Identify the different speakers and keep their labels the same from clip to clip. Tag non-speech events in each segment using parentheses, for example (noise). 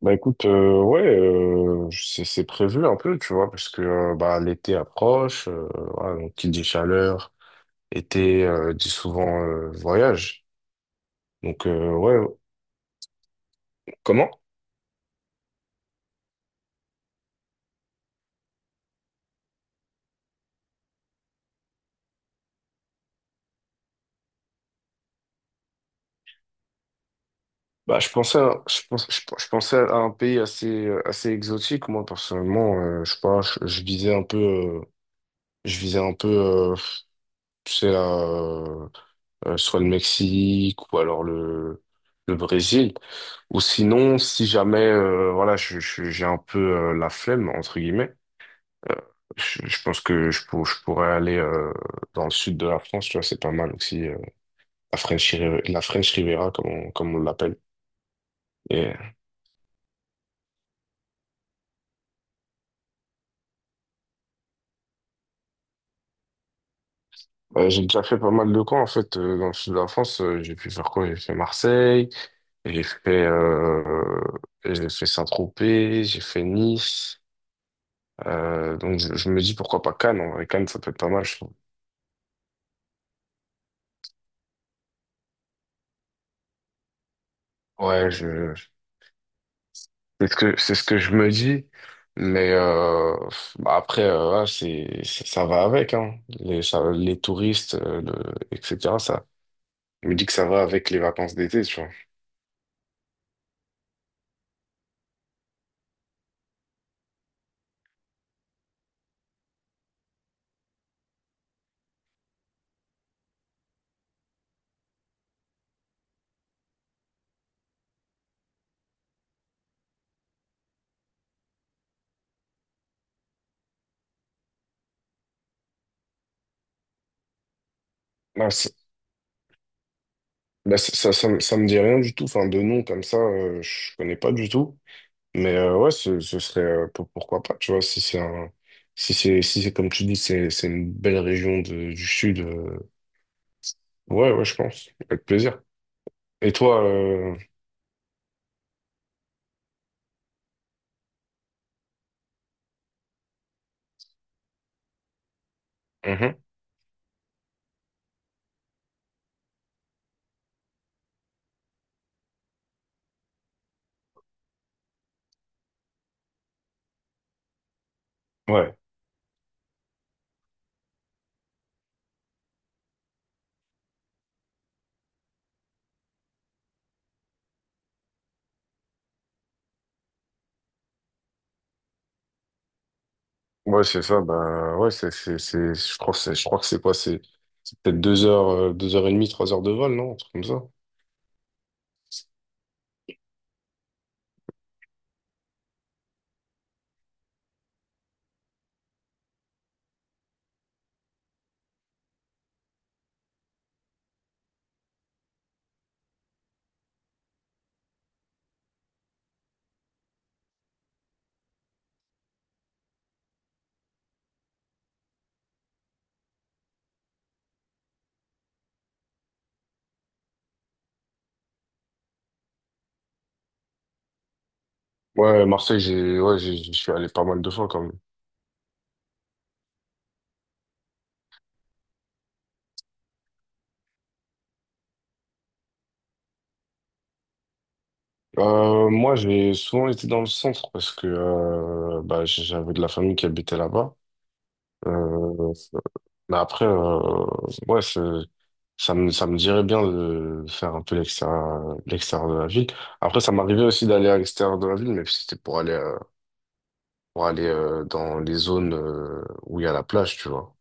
Speaker 1: Bah écoute, ouais, c'est prévu un peu, tu vois, parce que bah, l'été approche, voilà, donc qui dit chaleur, été dit souvent voyage. Donc ouais, comment? Je pense, je pensais à un pays assez assez exotique, moi personnellement, je sais pas, je visais un peu, je visais un peu, euh, tu sais là, soit le Mexique ou alors le Brésil. Ou sinon, si jamais voilà, j'ai un peu la flemme, entre guillemets, euh, je pense que je, pour- je pourrais aller dans le sud de la France, tu vois, c'est pas mal aussi, la French Riviera, comme on l'appelle. Et j'ai déjà fait pas mal de camps, en fait, dans le sud de la France. J'ai pu faire quoi? J'ai fait Marseille, j'ai fait, euh, j'ai fait Saint-Tropez, j'ai fait Nice. Donc je me dis pourquoi pas Cannes. En vrai, Cannes, ça peut être pas mal, je trouve. Ouais, je C'est ce que c'est ce que je me dis, mais bah après ouais, ça va avec, hein. Les touristes etc., ça, je me dis que ça va avec les vacances d'été, tu vois. Bah, c'est- ça me ça me dit rien du tout, enfin de nom comme ça, je connais pas du tout, mais ouais, ce serait pourquoi pas, tu vois. Si c'est un si c'est comme tu dis, c'est une belle région du sud, euh. Ouais, ouais, je pense. Avec plaisir. Et toi, Mhm. Ouais. Ouais, c'est ça. Bah, ouais, c'est, je crois que je crois que c'est quoi? C'est peut-être deux heures et demie, trois heures de vol, non? Un truc comme ça. Ouais, Marseille, je suis allé pas mal de fois quand même. Moi, j'ai souvent été dans le centre parce que, bah, j'avais de la famille qui habitait là-bas. Euh, Mais après, ouais, c'est- ça me dirait bien de faire un peu l'extérieur, l'extérieur de la ville. Après, ça m'arrivait aussi d'aller à l'extérieur de la ville, mais c'était pour aller dans les zones où il y a la plage, tu vois.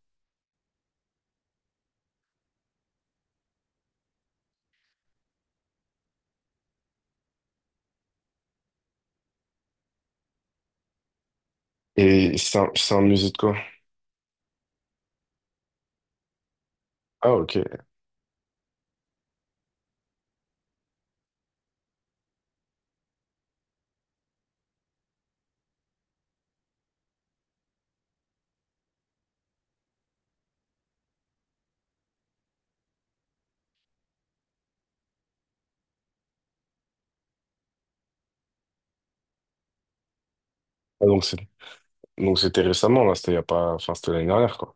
Speaker 1: Et c'est un musée de quoi? Ah, ok. Ah, donc, c'est, donc c'était récemment, là, c'était il y a pas, enfin, c'était l'année dernière, quoi.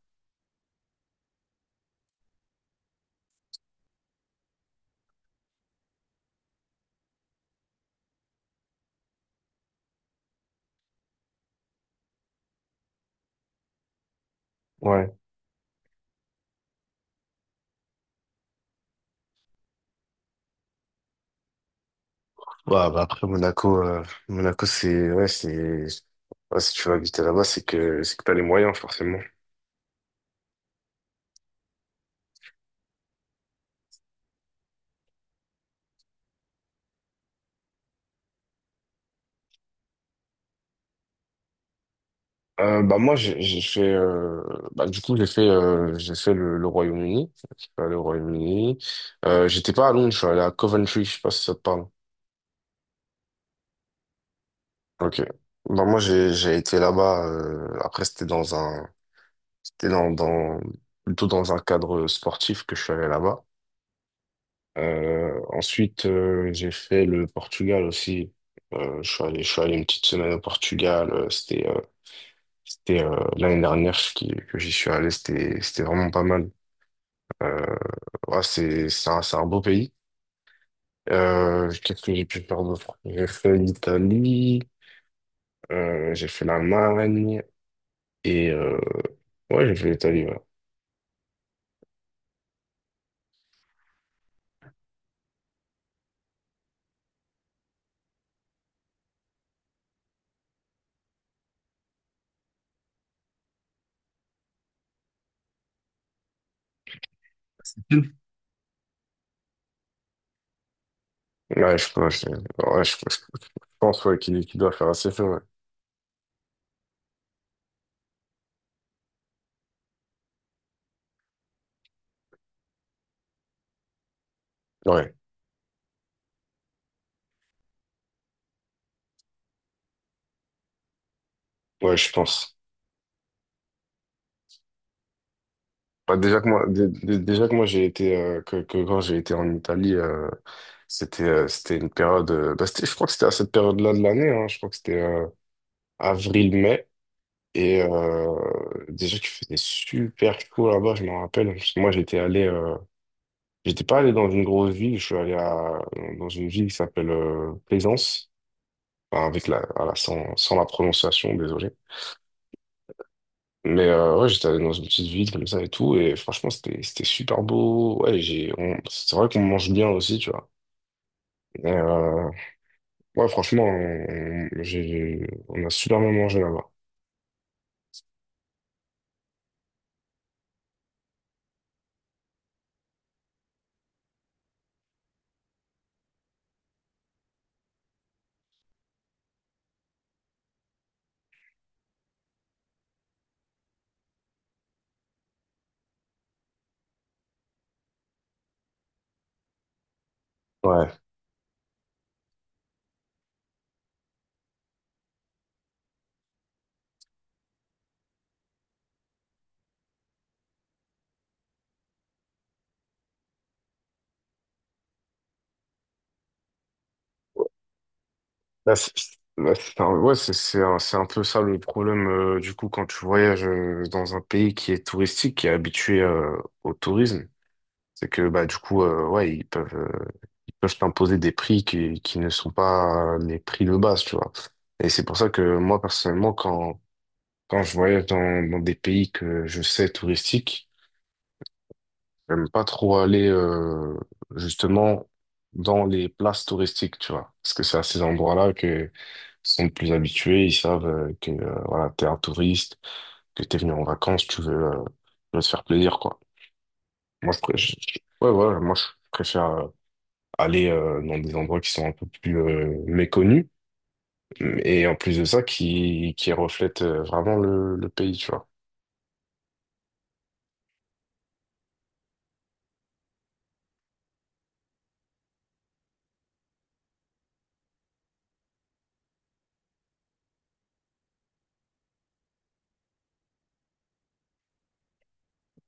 Speaker 1: Ouais. Ouais, bah après, Monaco, Monaco, c'est, ouais, si tu vas habiter là-bas, c'est que t'as les moyens, forcément. Bah moi, j'ai fait bah du coup, j'ai fait le Royaume-Uni. Je suis allé au Royaume-Uni. Euh, j'étais pas à Londres, je suis allé à Coventry, je sais pas si ça te parle. Ok, bah moi, j'ai été là-bas. Euh, après c'était dans un c'était dans dans plutôt dans un cadre sportif que je suis allé là-bas. Euh, ensuite j'ai fait le Portugal aussi. Euh, je suis allé, je suis allé une petite semaine au Portugal. Euh, c'était l'année dernière que j'y suis allé, c'était vraiment pas mal. Euh, ouais, c'est un beau pays. Qu'est-ce que j'ai pu faire d'autre? J'ai fait l'Italie, j'ai fait l'Allemagne, et ouais, j'ai fait l'Italie, ouais. Ouais, je pense, ouais, je pense, ouais, qu'il doit faire assez feu, ouais. Ouais, ouais, je pense. Bah, déjà que moi, déjà que moi, j'ai été que quand j'ai été en Italie, c'était c'était une période. Euh, bah, c'était- je crois que c'était à cette période-là de l'année. Hein, je crois que c'était avril-mai. Et déjà qu'il faisait super chaud là-bas, je m'en rappelle. Parce que moi, j'étais allé, j'étais pas allé dans une grosse ville, je suis allé à, dans une ville qui s'appelle Plaisance. Enfin, avec voilà, sans la prononciation, désolé. Mais ouais, j'étais allé dans une petite ville comme ça et tout, et franchement, c'était super beau. Ouais, c'est vrai qu'on mange bien aussi, tu vois. Et, ouais, franchement, on a super bien mangé là-bas. Ouais. Bah, c'est, bah, c'est un, ouais, c'est un peu ça, le problème, du coup quand tu voyages dans un pays qui est touristique, qui est habitué au tourisme, c'est que bah du coup ouais, ils peuvent t'imposer des prix qui ne sont pas les prix de base, tu vois. Et c'est pour ça que moi personnellement, quand je voyage dans des pays que je sais touristiques, j'aime pas trop aller justement dans les places touristiques, tu vois. Parce que c'est à ces endroits-là que sont le plus habitués, ils savent que voilà, t'es un touriste, que t'es venu en vacances, tu veux te faire plaisir, quoi. Moi, je, pré- je- ouais, ouais, moi, je préfère aller dans des endroits qui sont un peu plus méconnus, et en plus de ça, qui reflètent vraiment le pays, tu vois.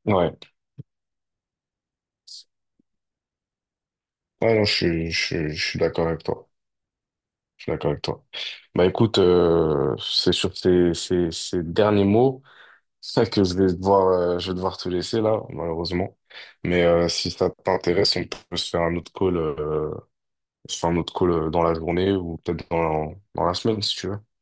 Speaker 1: Ouais. Ouais, non, je suis d'accord avec toi. Je suis d'accord avec toi. Bah écoute, c'est sur ces, ces, ces derniers mots (laughs) que je vais devoir te laisser là, malheureusement. Mais si ça t'intéresse, on peut se faire un autre call, dans la journée ou peut-être dans, dans la semaine si tu veux.